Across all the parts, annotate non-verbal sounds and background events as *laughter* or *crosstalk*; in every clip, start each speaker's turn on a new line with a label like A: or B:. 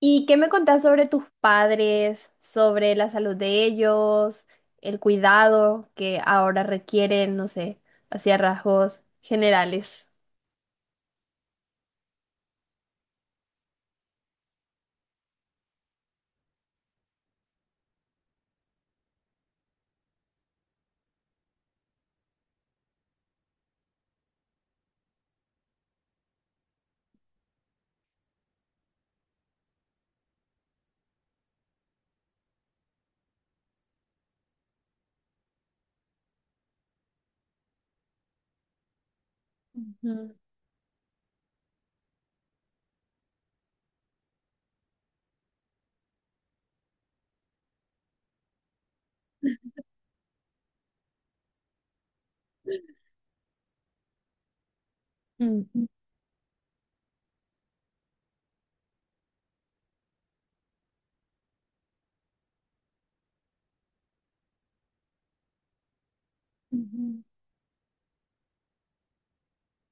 A: ¿Y qué me contás sobre tus padres, sobre la salud de ellos, el cuidado que ahora requieren, no sé, hacia rasgos generales? Ujú. Mm.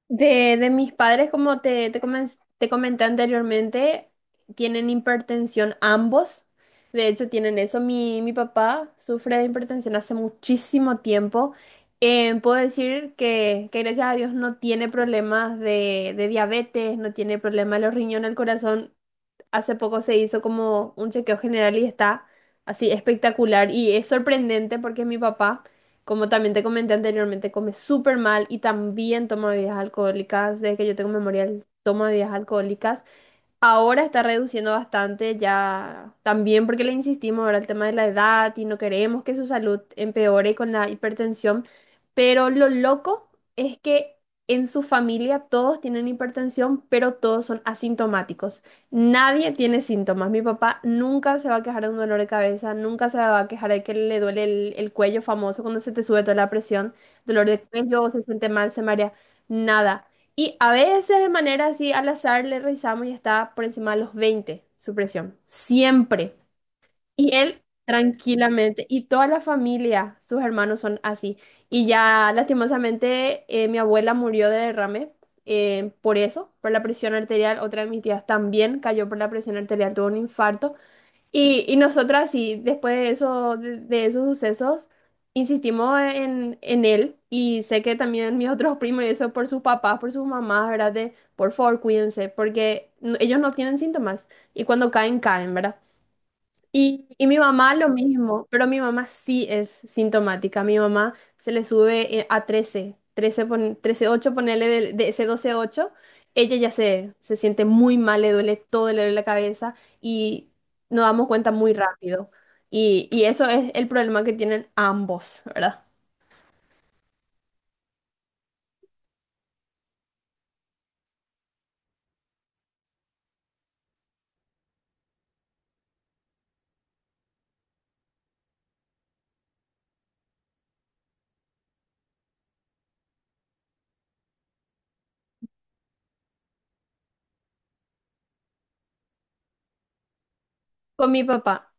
A: De mis padres, como te comenté anteriormente, tienen hipertensión ambos. De hecho, tienen eso. Mi papá sufre de hipertensión hace muchísimo tiempo. Puedo decir que gracias a Dios no tiene problemas de diabetes, no tiene problemas de los riñones, el corazón. Hace poco se hizo como un chequeo general y está así espectacular, y es sorprendente porque mi papá, como también te comenté anteriormente, come súper mal y también toma bebidas alcohólicas. Desde que yo tengo memoria, él toma bebidas alcohólicas. Ahora está reduciendo bastante ya, también porque le insistimos ahora el tema de la edad y no queremos que su salud empeore con la hipertensión, pero lo loco es que en su familia todos tienen hipertensión, pero todos son asintomáticos. Nadie tiene síntomas. Mi papá nunca se va a quejar de un dolor de cabeza, nunca se va a quejar de que le duele el cuello famoso cuando se te sube toda la presión, dolor de cuello, se siente mal, se marea, nada. Y a veces de manera así al azar le revisamos y está por encima de los 20 su presión. Siempre. Y él tranquilamente. Y toda la familia, sus hermanos son así. Y ya lastimosamente mi abuela murió de derrame, por eso, por la presión arterial. Otra de mis tías también cayó por la presión arterial, tuvo un infarto. Y nosotras sí, después de eso, de esos sucesos, insistimos en él, y sé que también mis otros primos y eso por sus papás, por sus mamás, ¿verdad? De, por favor, cuídense, porque ellos no tienen síntomas y cuando caen, caen, ¿verdad? Y mi mamá lo mismo, pero mi mamá sí es sintomática. Mi mamá se le sube a 13, 13, 13,8, ponerle de ese 12,8. Ella ya se siente muy mal, le duele todo, le duele la cabeza, y nos damos cuenta muy rápido. Y eso es el problema que tienen ambos, ¿verdad? Con mi papá.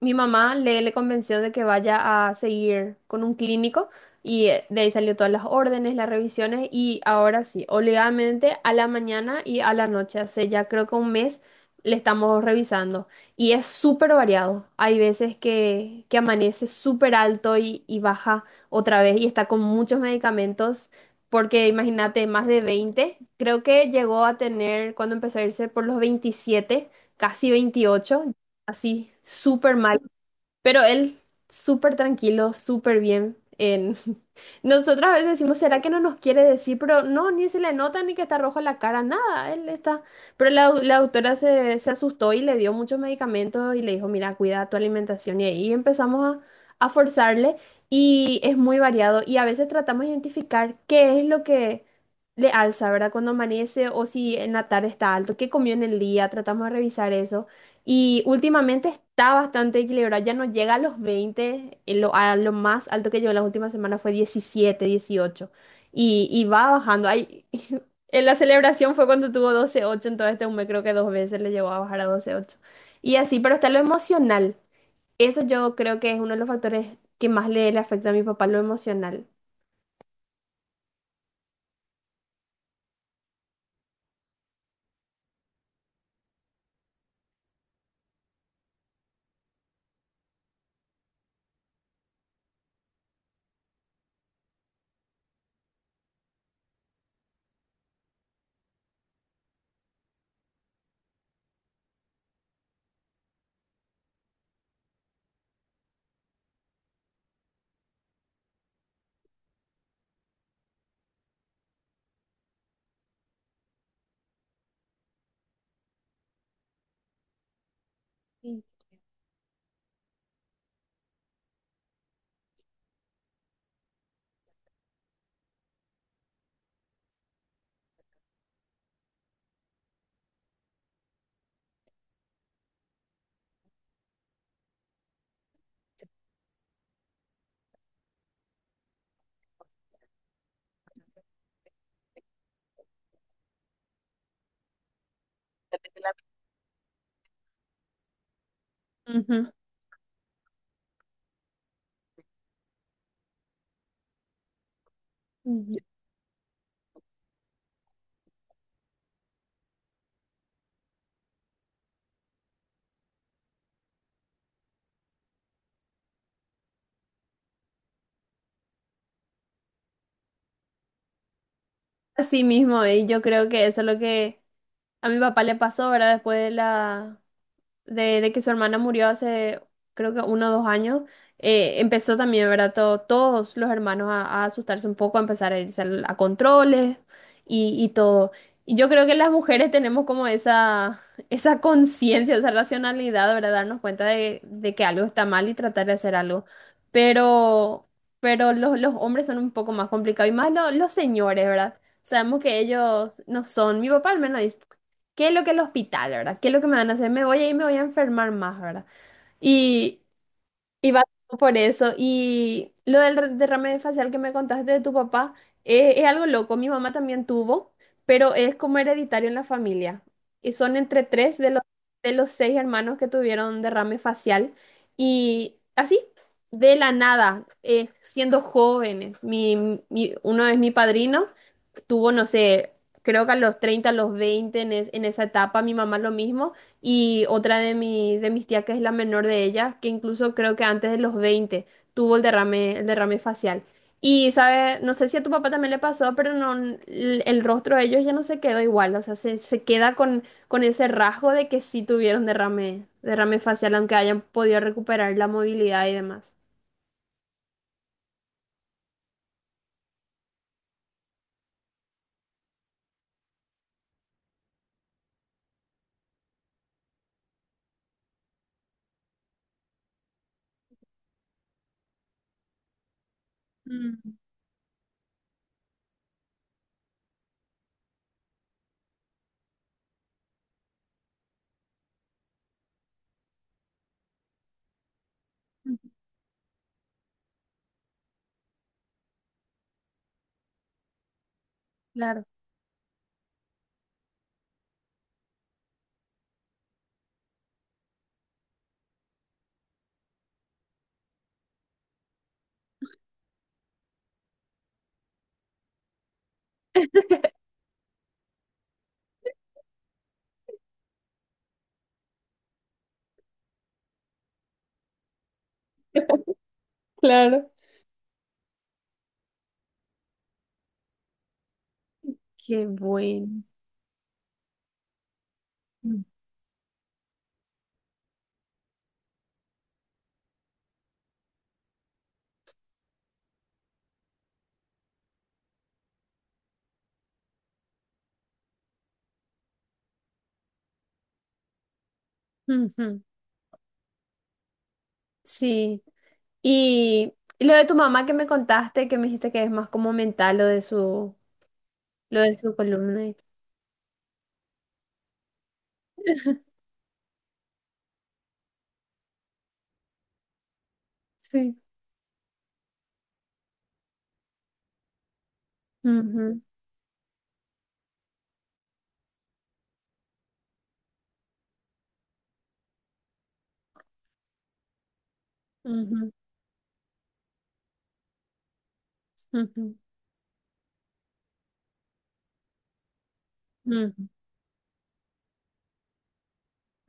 A: Mi mamá le, le convenció de que vaya a seguir con un clínico, y de ahí salió todas las órdenes, las revisiones, y ahora sí, obligadamente a la mañana y a la noche, hace ya creo que un mes le estamos revisando, y es súper variado. Hay veces que amanece súper alto y baja otra vez, y está con muchos medicamentos porque imagínate, más de 20. Creo que llegó a tener cuando empezó a irse por los 27, casi 28 así, súper mal. Pero él súper tranquilo, súper bien. *laughs* Nosotras a veces decimos, ¿será que no nos quiere decir? Pero no, ni se le nota ni que está rojo la cara, nada. Él está. Pero la autora se, se asustó y le dio muchos medicamentos y le dijo, mira, cuida tu alimentación. Y ahí empezamos a forzarle, y es muy variado. Y a veces tratamos de identificar qué es lo que le alza, ¿verdad? Cuando amanece o si en la tarde está alto, qué comió en el día, tratamos de revisar eso. Y últimamente está bastante equilibrado, ya no llega a los 20. A lo más alto que llegó en las últimas semanas fue 17, 18, y va bajando. Ay, *laughs* en la celebración fue cuando tuvo 12,8. Entonces este mes creo que dos veces le llegó a bajar a 12,8. Y así, pero está lo emocional. Eso yo creo que es uno de los factores que más le, le afecta a mi papá, lo emocional. Ujú. Ujú. Así mismo, y yo creo que eso es lo que a mi papá le pasó, ¿verdad? Después de que su hermana murió hace creo que uno o dos años, empezó también, ¿verdad? Todos los hermanos a asustarse un poco, a empezar a irse controles y todo. Y yo creo que las mujeres tenemos como esa, *laughs* esa conciencia, esa racionalidad, ¿verdad? Darnos cuenta de que algo está mal y tratar de hacer algo. Pero, pero los hombres son un poco más complicados, y más los señores, ¿verdad? Sabemos que ellos no son. Mi papá al menos dice, ¿qué es lo que el hospital, verdad? ¿Qué es lo que me van a hacer? Me voy a ir, me voy a enfermar más, ¿verdad? Y, y va todo por eso. Y lo del derrame facial que me contaste de tu papá, algo loco. Mi mamá también tuvo, pero es como hereditario en la familia. Y son entre tres de los seis hermanos que tuvieron derrame facial. Y así, de la nada, siendo jóvenes. Uno es mi padrino, tuvo, no sé, creo que a los 30, a los 20, en esa etapa. Mi mamá lo mismo, y otra de mis tías, que es la menor de ellas, que incluso creo que antes de los 20 tuvo el derrame, facial. Y, sabe, no sé si a tu papá también le pasó, pero no, el rostro de ellos ya no se quedó igual, o sea, se queda con ese rasgo de que sí tuvieron derrame, derrame facial, aunque hayan podido recuperar la movilidad y demás. Mm. Claro. Claro. Qué bueno. *laughs* Sí. Y lo de tu mamá que me contaste, que me dijiste que es más como mental lo de su columna. Sí. Ujú, ujú, ujú, ujú.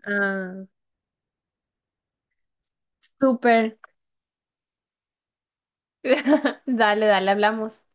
A: Ah, súper. *laughs* Dale, dale, hablamos.